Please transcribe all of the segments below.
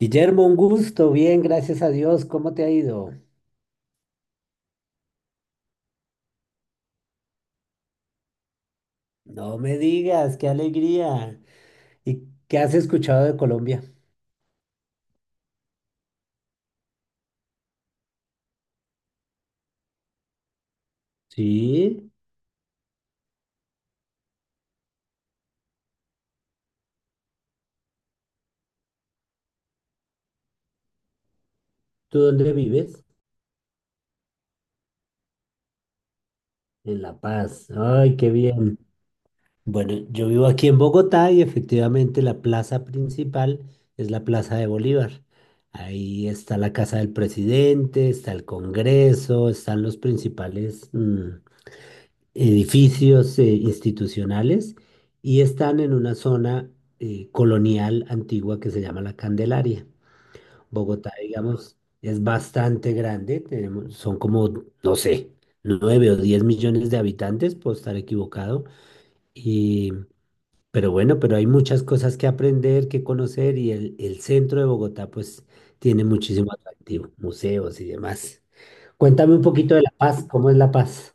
Guillermo, un gusto, bien, gracias a Dios, ¿cómo te ha ido? No me digas, qué alegría. ¿Y qué has escuchado de Colombia? Sí, ¿tú dónde vives? En La Paz. Ay, qué bien. Bueno, yo vivo aquí en Bogotá y efectivamente la plaza principal es la Plaza de Bolívar. Ahí está la casa del presidente, está el Congreso, están los principales, mm, edificios institucionales y están en una zona colonial antigua que se llama La Candelaria. Bogotá, digamos, es bastante grande, tenemos, son como, no sé, 9 o 10 millones de habitantes, puedo estar equivocado, y, pero bueno, pero hay muchas cosas que aprender, que conocer y el centro de Bogotá pues tiene muchísimo atractivo, museos y demás. Cuéntame un poquito de La Paz, ¿cómo es La Paz?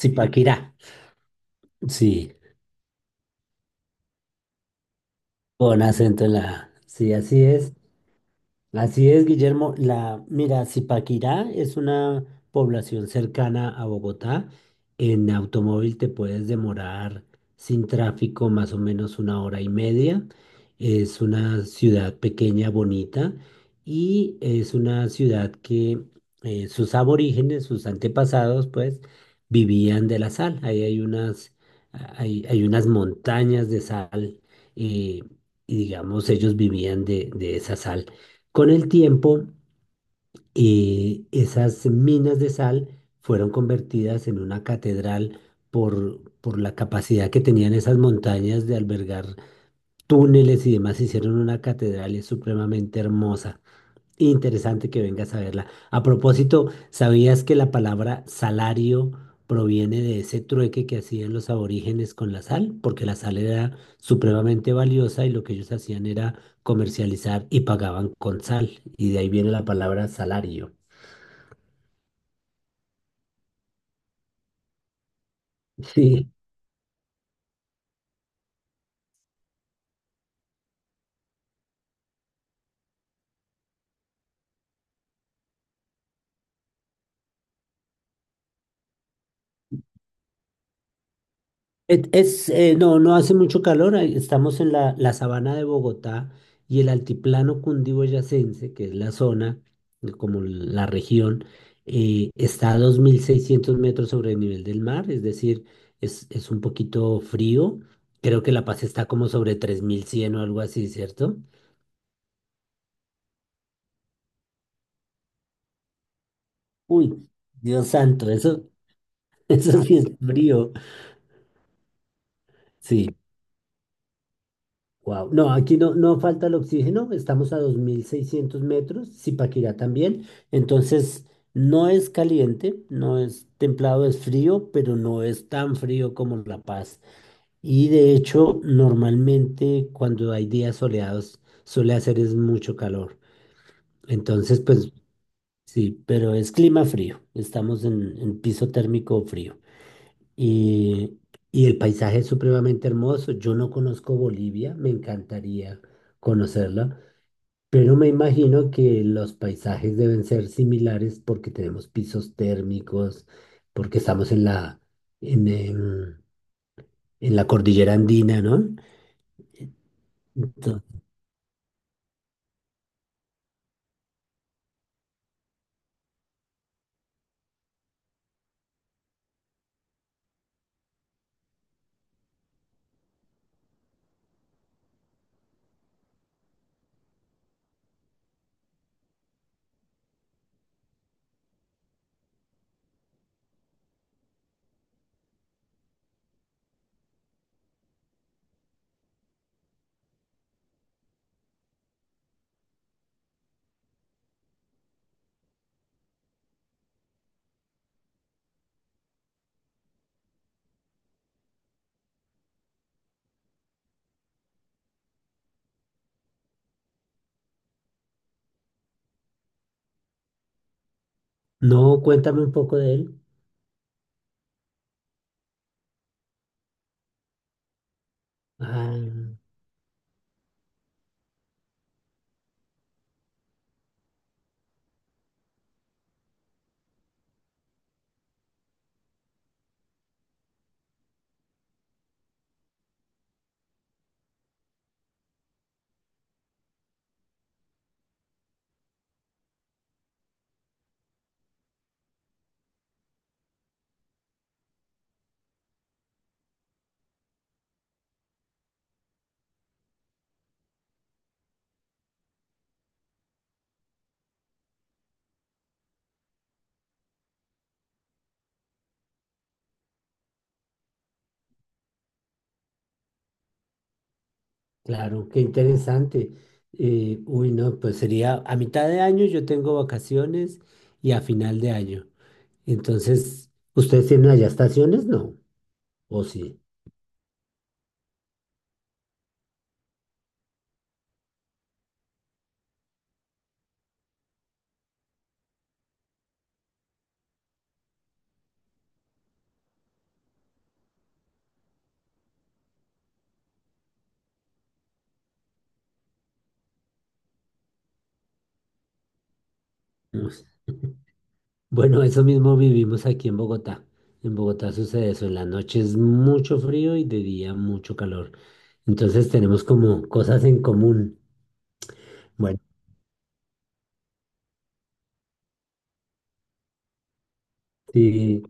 Zipaquirá. Sí. Con acento en la A. Sí, así es. Así es, Guillermo. La, mira, Zipaquirá es una población cercana a Bogotá. En automóvil te puedes demorar sin tráfico más o menos una hora y media. Es una ciudad pequeña, bonita, y es una ciudad que sus aborígenes, sus antepasados, pues, vivían de la sal. Hay unas montañas de sal, eh, y digamos, ellos vivían de esa sal. Con el tiempo, esas minas de sal fueron convertidas en una catedral por la capacidad que tenían esas montañas de albergar túneles y demás. Hicieron una catedral es supremamente hermosa. Interesante que vengas a verla. A propósito, ¿sabías que la palabra salario proviene de ese trueque que hacían los aborígenes con la sal? Porque la sal era supremamente valiosa y lo que ellos hacían era comercializar y pagaban con sal. Y de ahí viene la palabra salario. Sí. No, no hace mucho calor, ahí estamos en la sabana de Bogotá y el altiplano cundiboyacense, que es la zona, como la región, está a 2600 metros sobre el nivel del mar, es decir, es un poquito frío. Creo que La Paz está como sobre 3100 o algo así, ¿cierto? Uy, Dios santo, eso, eso sí es frío, sí. Wow. No, aquí no, no falta el oxígeno, estamos a 2600 metros, Zipaquirá también, entonces no es caliente, no es templado, es frío, pero no es tan frío como La Paz. Y de hecho, normalmente cuando hay días soleados suele hacer es mucho calor. Entonces, pues sí, pero es clima frío, estamos en piso térmico frío. Y, y el paisaje es supremamente hermoso. Yo no conozco Bolivia, me encantaría conocerla, pero me imagino que los paisajes deben ser similares porque tenemos pisos térmicos, porque estamos en la, en, em, en la cordillera andina, ¿no? Entonces, no, cuéntame un poco de él. Ah, claro, qué interesante. Uy, no, pues sería a mitad de año yo tengo vacaciones y a final de año. Entonces, ¿ustedes tienen allá estaciones? No, o sí. No sé. Bueno, eso mismo vivimos aquí en Bogotá. En Bogotá sucede eso, en la noche es mucho frío y de día mucho calor. Entonces tenemos como cosas en común. Bueno, sí,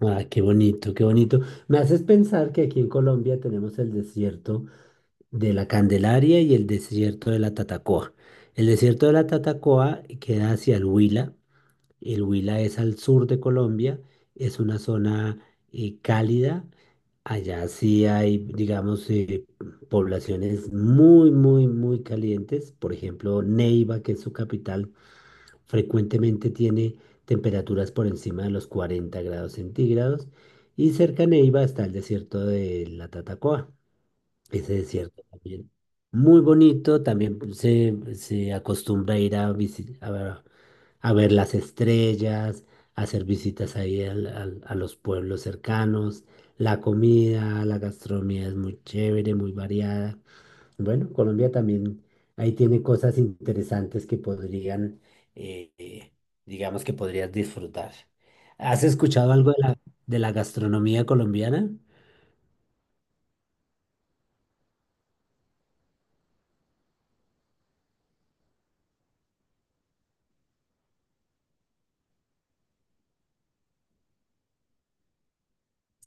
ah, qué bonito, qué bonito. Me haces pensar que aquí en Colombia tenemos el desierto de la Candelaria y el desierto de la Tatacoa. El desierto de la Tatacoa queda hacia el Huila. El Huila es al sur de Colombia, es una zona cálida. Allá sí hay, digamos, poblaciones muy, muy, muy calientes. Por ejemplo, Neiva, que es su capital, frecuentemente tiene temperaturas por encima de los 40 grados centígrados. Y cerca a Neiva está el desierto de la Tatacoa. Ese desierto también. Muy bonito, también se acostumbra a ir a, a ver las estrellas, a hacer visitas ahí a los pueblos cercanos. La comida, la gastronomía es muy chévere, muy variada. Bueno, Colombia también ahí tiene cosas interesantes que podrían, eh, eh, digamos que podrías disfrutar. ¿Has escuchado algo de la gastronomía colombiana?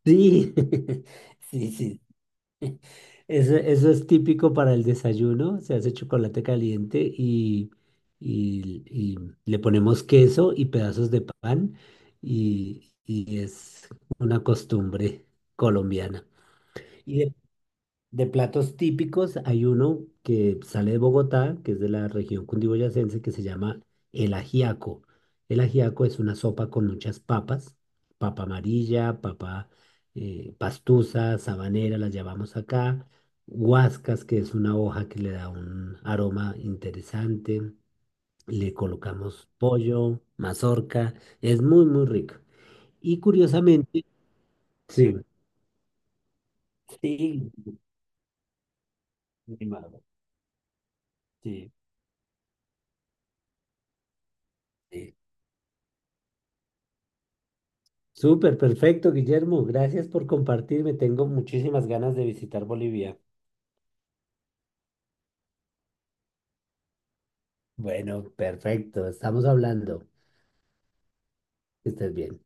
Sí, sí, sí. Eso es típico para el desayuno, se hace chocolate caliente y le ponemos queso y pedazos de pan y es una costumbre colombiana. De platos típicos hay uno que sale de Bogotá, que es de la región cundiboyacense, que se llama el ajiaco. El ajiaco es una sopa con muchas papas, papa amarilla, papa pastusa, sabanera, las llamamos acá, guascas, que es una hoja que le da un aroma interesante, le colocamos pollo, mazorca, es muy, muy rico. Y curiosamente, sí, sí, mi madre, sí. Sí. Súper, perfecto, Guillermo. Gracias por compartirme. Tengo muchísimas ganas de visitar Bolivia. Bueno, perfecto. Estamos hablando. Que estés bien.